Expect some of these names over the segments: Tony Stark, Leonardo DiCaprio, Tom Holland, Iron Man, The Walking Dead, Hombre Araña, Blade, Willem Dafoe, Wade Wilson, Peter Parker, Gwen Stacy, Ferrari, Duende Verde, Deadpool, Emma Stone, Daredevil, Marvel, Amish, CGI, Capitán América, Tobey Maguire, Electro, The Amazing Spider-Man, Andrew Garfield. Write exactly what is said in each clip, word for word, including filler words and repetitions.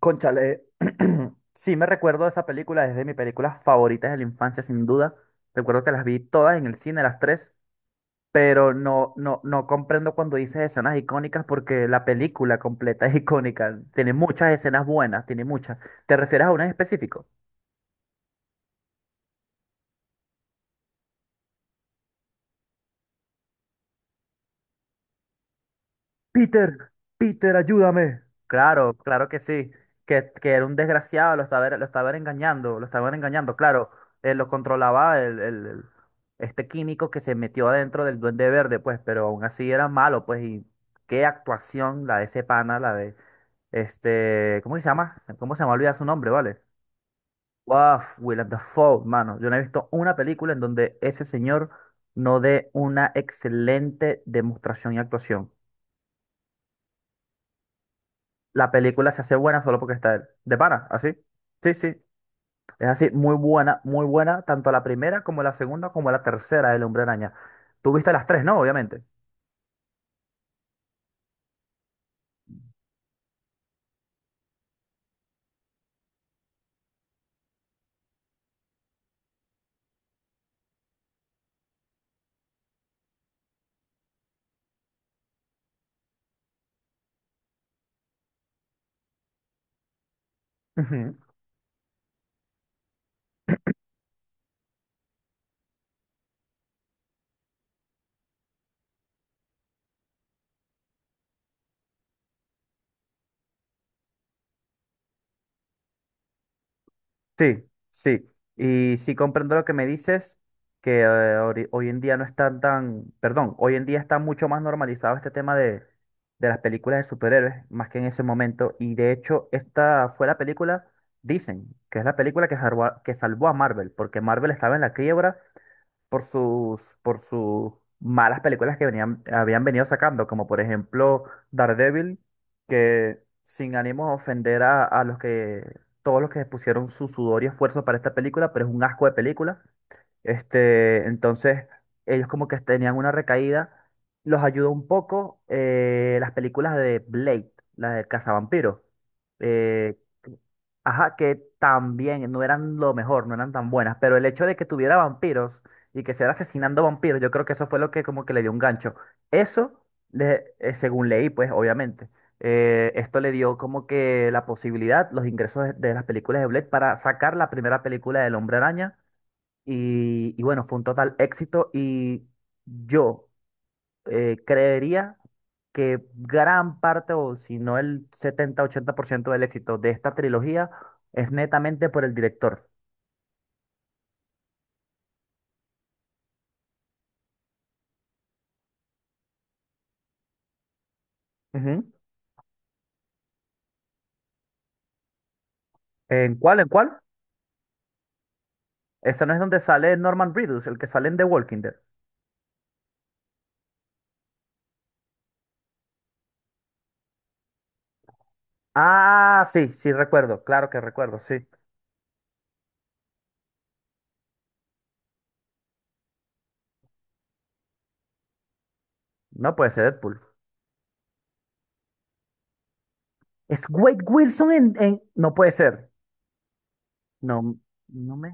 Cónchale, sí me recuerdo esa película, es de mis películas favoritas de la infancia, sin duda. Recuerdo que las vi todas en el cine, las tres, pero no, no, no comprendo cuando dices escenas icónicas porque la película completa es icónica. Tiene muchas escenas buenas, tiene muchas. ¿Te refieres a una en específico? Peter, Peter, ayúdame. Claro, claro que sí, que, que era un desgraciado, lo estaba, lo estaba engañando, lo estaban engañando, claro, eh, lo controlaba el, el- el- este químico que se metió adentro del Duende Verde, pues, pero aún así era malo, pues, y qué actuación la de ese pana, la de, este, ¿cómo que se llama? ¿Cómo se llama? Olvida su nombre, ¿vale? Wow, Willem Dafoe, mano, yo no he visto una película en donde ese señor no dé una excelente demostración y actuación. La película se hace buena solo porque está él. De pana, así. Sí, sí. Es así, muy buena, muy buena, tanto la primera como la segunda como la tercera del Hombre Araña. Tú viste las tres, ¿no? Obviamente. Ujú. Sí, sí. Y sí comprendo lo que me dices, que eh, ori- hoy en día no están tan, perdón, hoy en día está mucho más normalizado este tema de, de las películas de superhéroes, más que en ese momento. Y de hecho, esta fue la película, dicen, que es la película que salvó, a- que salvó a Marvel, porque Marvel estaba en la quiebra por sus, por sus malas películas que venían, habían venido sacando, como por ejemplo Daredevil, que sin ánimo a ofender a, a los que, todos los que pusieron su sudor y esfuerzo para esta película, pero es un asco de película. Este, entonces, ellos como que tenían una recaída, los ayudó un poco eh, las películas de Blade, la del cazavampiros. eh, Ajá, que también no eran lo mejor, no eran tan buenas, pero el hecho de que tuviera vampiros y que se era asesinando vampiros, yo creo que eso fue lo que como que le dio un gancho. Eso, le- eh, según leí, pues obviamente, eh, esto le dio como que la posibilidad, los ingresos de, de las películas de Blade para sacar la primera película del Hombre Araña y, y bueno, fue un total éxito y yo eh, creería que gran parte, o si no el setenta ochenta por ciento del éxito de esta trilogía, es netamente por el director. Ujú. ¿En cuál? ¿En cuál? Esta no es donde sale Norman Reedus, el que sale en The Walking Dead. Ah, sí, sí, recuerdo, claro que recuerdo, sí. No puede ser Deadpool. Es Wade Wilson en, en- No puede ser. No, no me...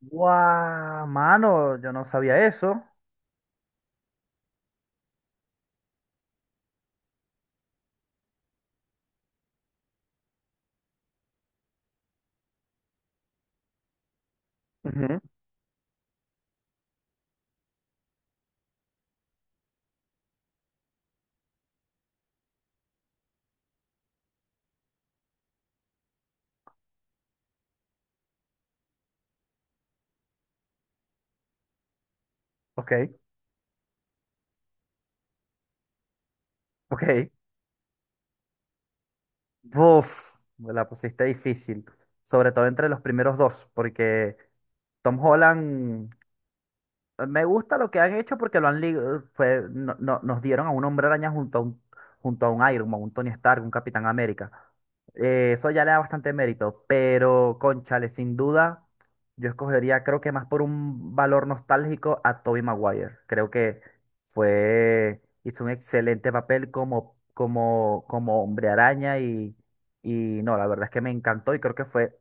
¡Guau! Mano, yo no sabía eso. Ujú. Ok. Ok. Uf, me la pusiste difícil, sobre todo entre los primeros dos, porque Tom Holland me gusta lo que han hecho porque lo han li- fue, no- no- nos dieron a un Hombre Araña junto a un, junto a un Iron Man, un Tony Stark, un Capitán América. Eh, eso ya le da bastante mérito, pero cónchale, sin duda, yo escogería, creo que más por un valor nostálgico, a Tobey Maguire. Creo que fue, hizo un excelente papel como, como, como Hombre Araña y, y no, la verdad es que me encantó y creo que fue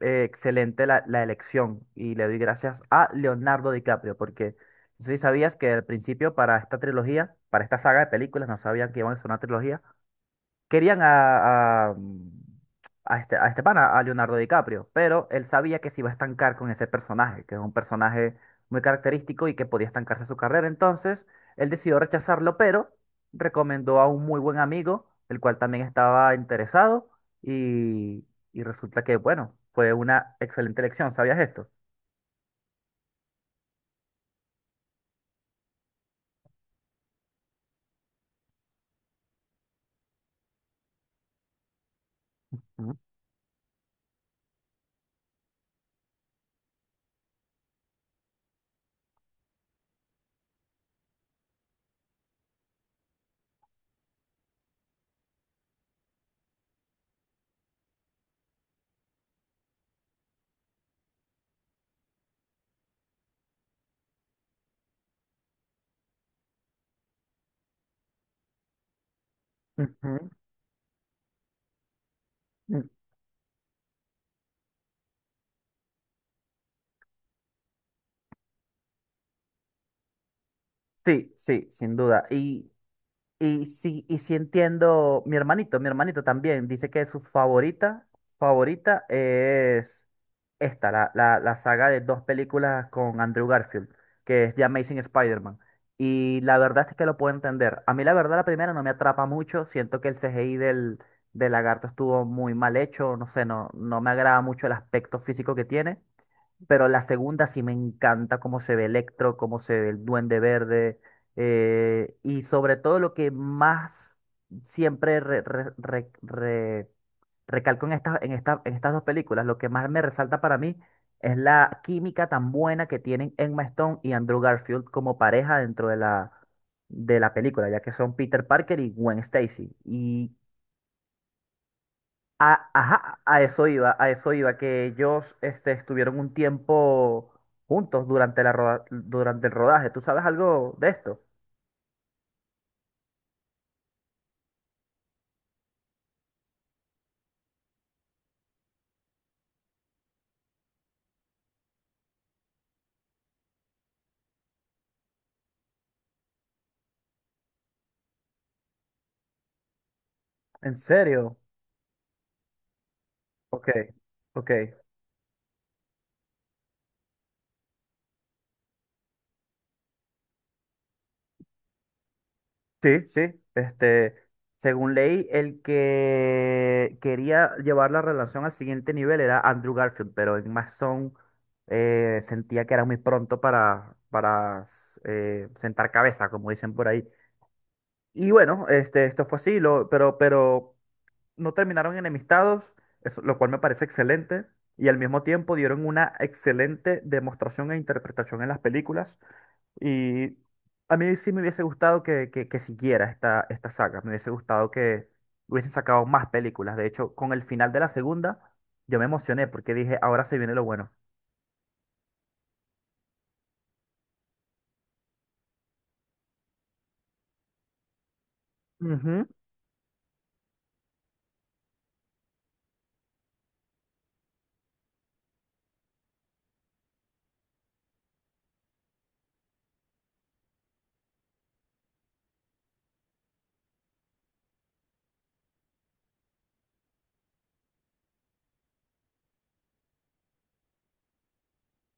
eh, excelente la, la elección y le doy gracias a Leonardo DiCaprio, porque no sé si sabías que al principio para esta trilogía, para esta saga de películas, no sabían que iban a ser una trilogía, querían a, a, a este, a este pana, a Leonardo DiCaprio, pero él sabía que se iba a estancar con ese personaje, que es un personaje muy característico y que podía estancarse su carrera. Entonces, él decidió rechazarlo, pero recomendó a un muy buen amigo, el cual también estaba interesado, y, y resulta que, bueno, fue una excelente elección. ¿Sabías esto? Ujú, ujú. Mm, Sí, sí, sin duda. Y y sí, y sí entiendo, mi hermanito, mi hermanito también dice que su favorita, favorita es esta, la, la, la saga de dos películas con Andrew Garfield, que es The Amazing Spider-Man. Y la verdad es que lo puedo entender. A mí la verdad la primera no me atrapa mucho, siento que el C G I del, del lagarto estuvo muy mal hecho, no sé, no, no me agrada mucho el aspecto físico que tiene. Pero la segunda sí me encanta cómo se ve Electro, cómo se ve el Duende Verde eh, y sobre todo lo que más siempre re- re- re- re- recalco en estas, en esta- en estas dos películas, lo que más me resalta para mí es la química tan buena que tienen Emma Stone y Andrew Garfield como pareja dentro de la, de la película, ya que son Peter Parker y Gwen Stacy. Y a, ajá, a eso iba, a eso iba, que ellos este, estuvieron un tiempo juntos durante la roda- durante el rodaje. ¿Tú sabes algo de esto? ¿En serio? Ok, ok. Sí, sí. Este, según leí, el que quería llevar la relación al siguiente nivel era Andrew Garfield, pero en Mason eh, sentía que era muy pronto para, para eh, sentar cabeza, como dicen por ahí. Y bueno, este, esto fue así, lo, pero, pero no terminaron enemistados, eso- lo cual me parece excelente, y al mismo tiempo dieron una excelente demostración e interpretación en las películas. Y a mí sí me hubiese gustado que, que, que siguiera esta, esta saga, me hubiese gustado que hubiesen sacado más películas. De hecho, con el final de la segunda, yo me emocioné porque dije, ahora se viene lo bueno. Ujú.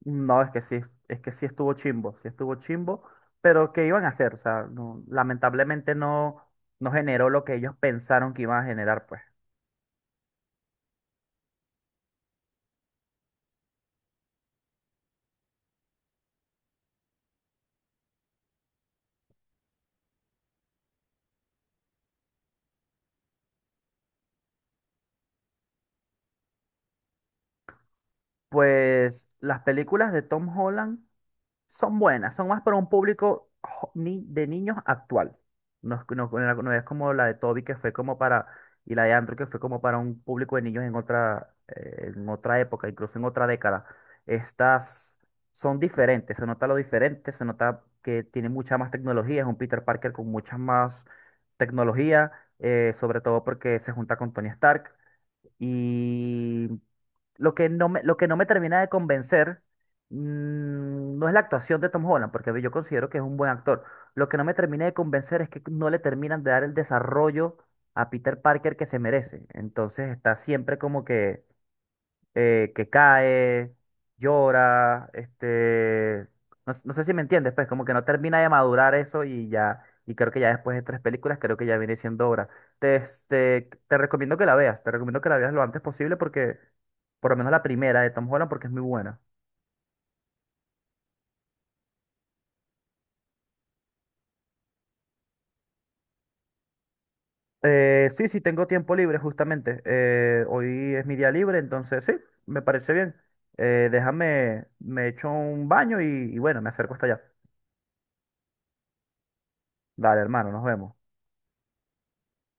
No, es que sí, es que sí estuvo chimbo, sí estuvo chimbo, pero ¿qué iban a hacer? O sea, no- lamentablemente no, no generó lo que ellos pensaron que iban a generar, pues. Pues las películas de Tom Holland son buenas, son más para un público jo- ni- de niños actual. No es, no- no- no es como la de Toby que fue como para, y la de Andrew que fue como para un público de niños en otra, eh, en otra época, incluso en otra década. Estas son diferentes, se nota lo diferente, se nota que tiene mucha más tecnología, es un Peter Parker con mucha más tecnología, eh, sobre todo porque se junta con Tony Stark. Y lo que no me, lo que no me termina de convencer mm, no es la actuación de Tom Holland, porque yo considero que es un buen actor. Lo que no me termina de convencer es que no le terminan de dar el desarrollo a Peter Parker que se merece. Entonces está siempre como que eh, que cae, llora, este, no, no sé si me entiendes, pues como que no termina de madurar eso y ya, y creo que ya después de tres películas, creo que ya viene siendo hora. Te, este, te recomiendo que la veas, te recomiendo que la veas lo antes posible porque, por lo menos la primera de Tom Holland, porque es muy buena. Eh, sí, sí, tengo tiempo libre justamente. eh, hoy es mi día libre, entonces sí, me parece bien. Eh, déjame, me echo un baño y y bueno, me acerco hasta allá. Dale, hermano, nos vemos.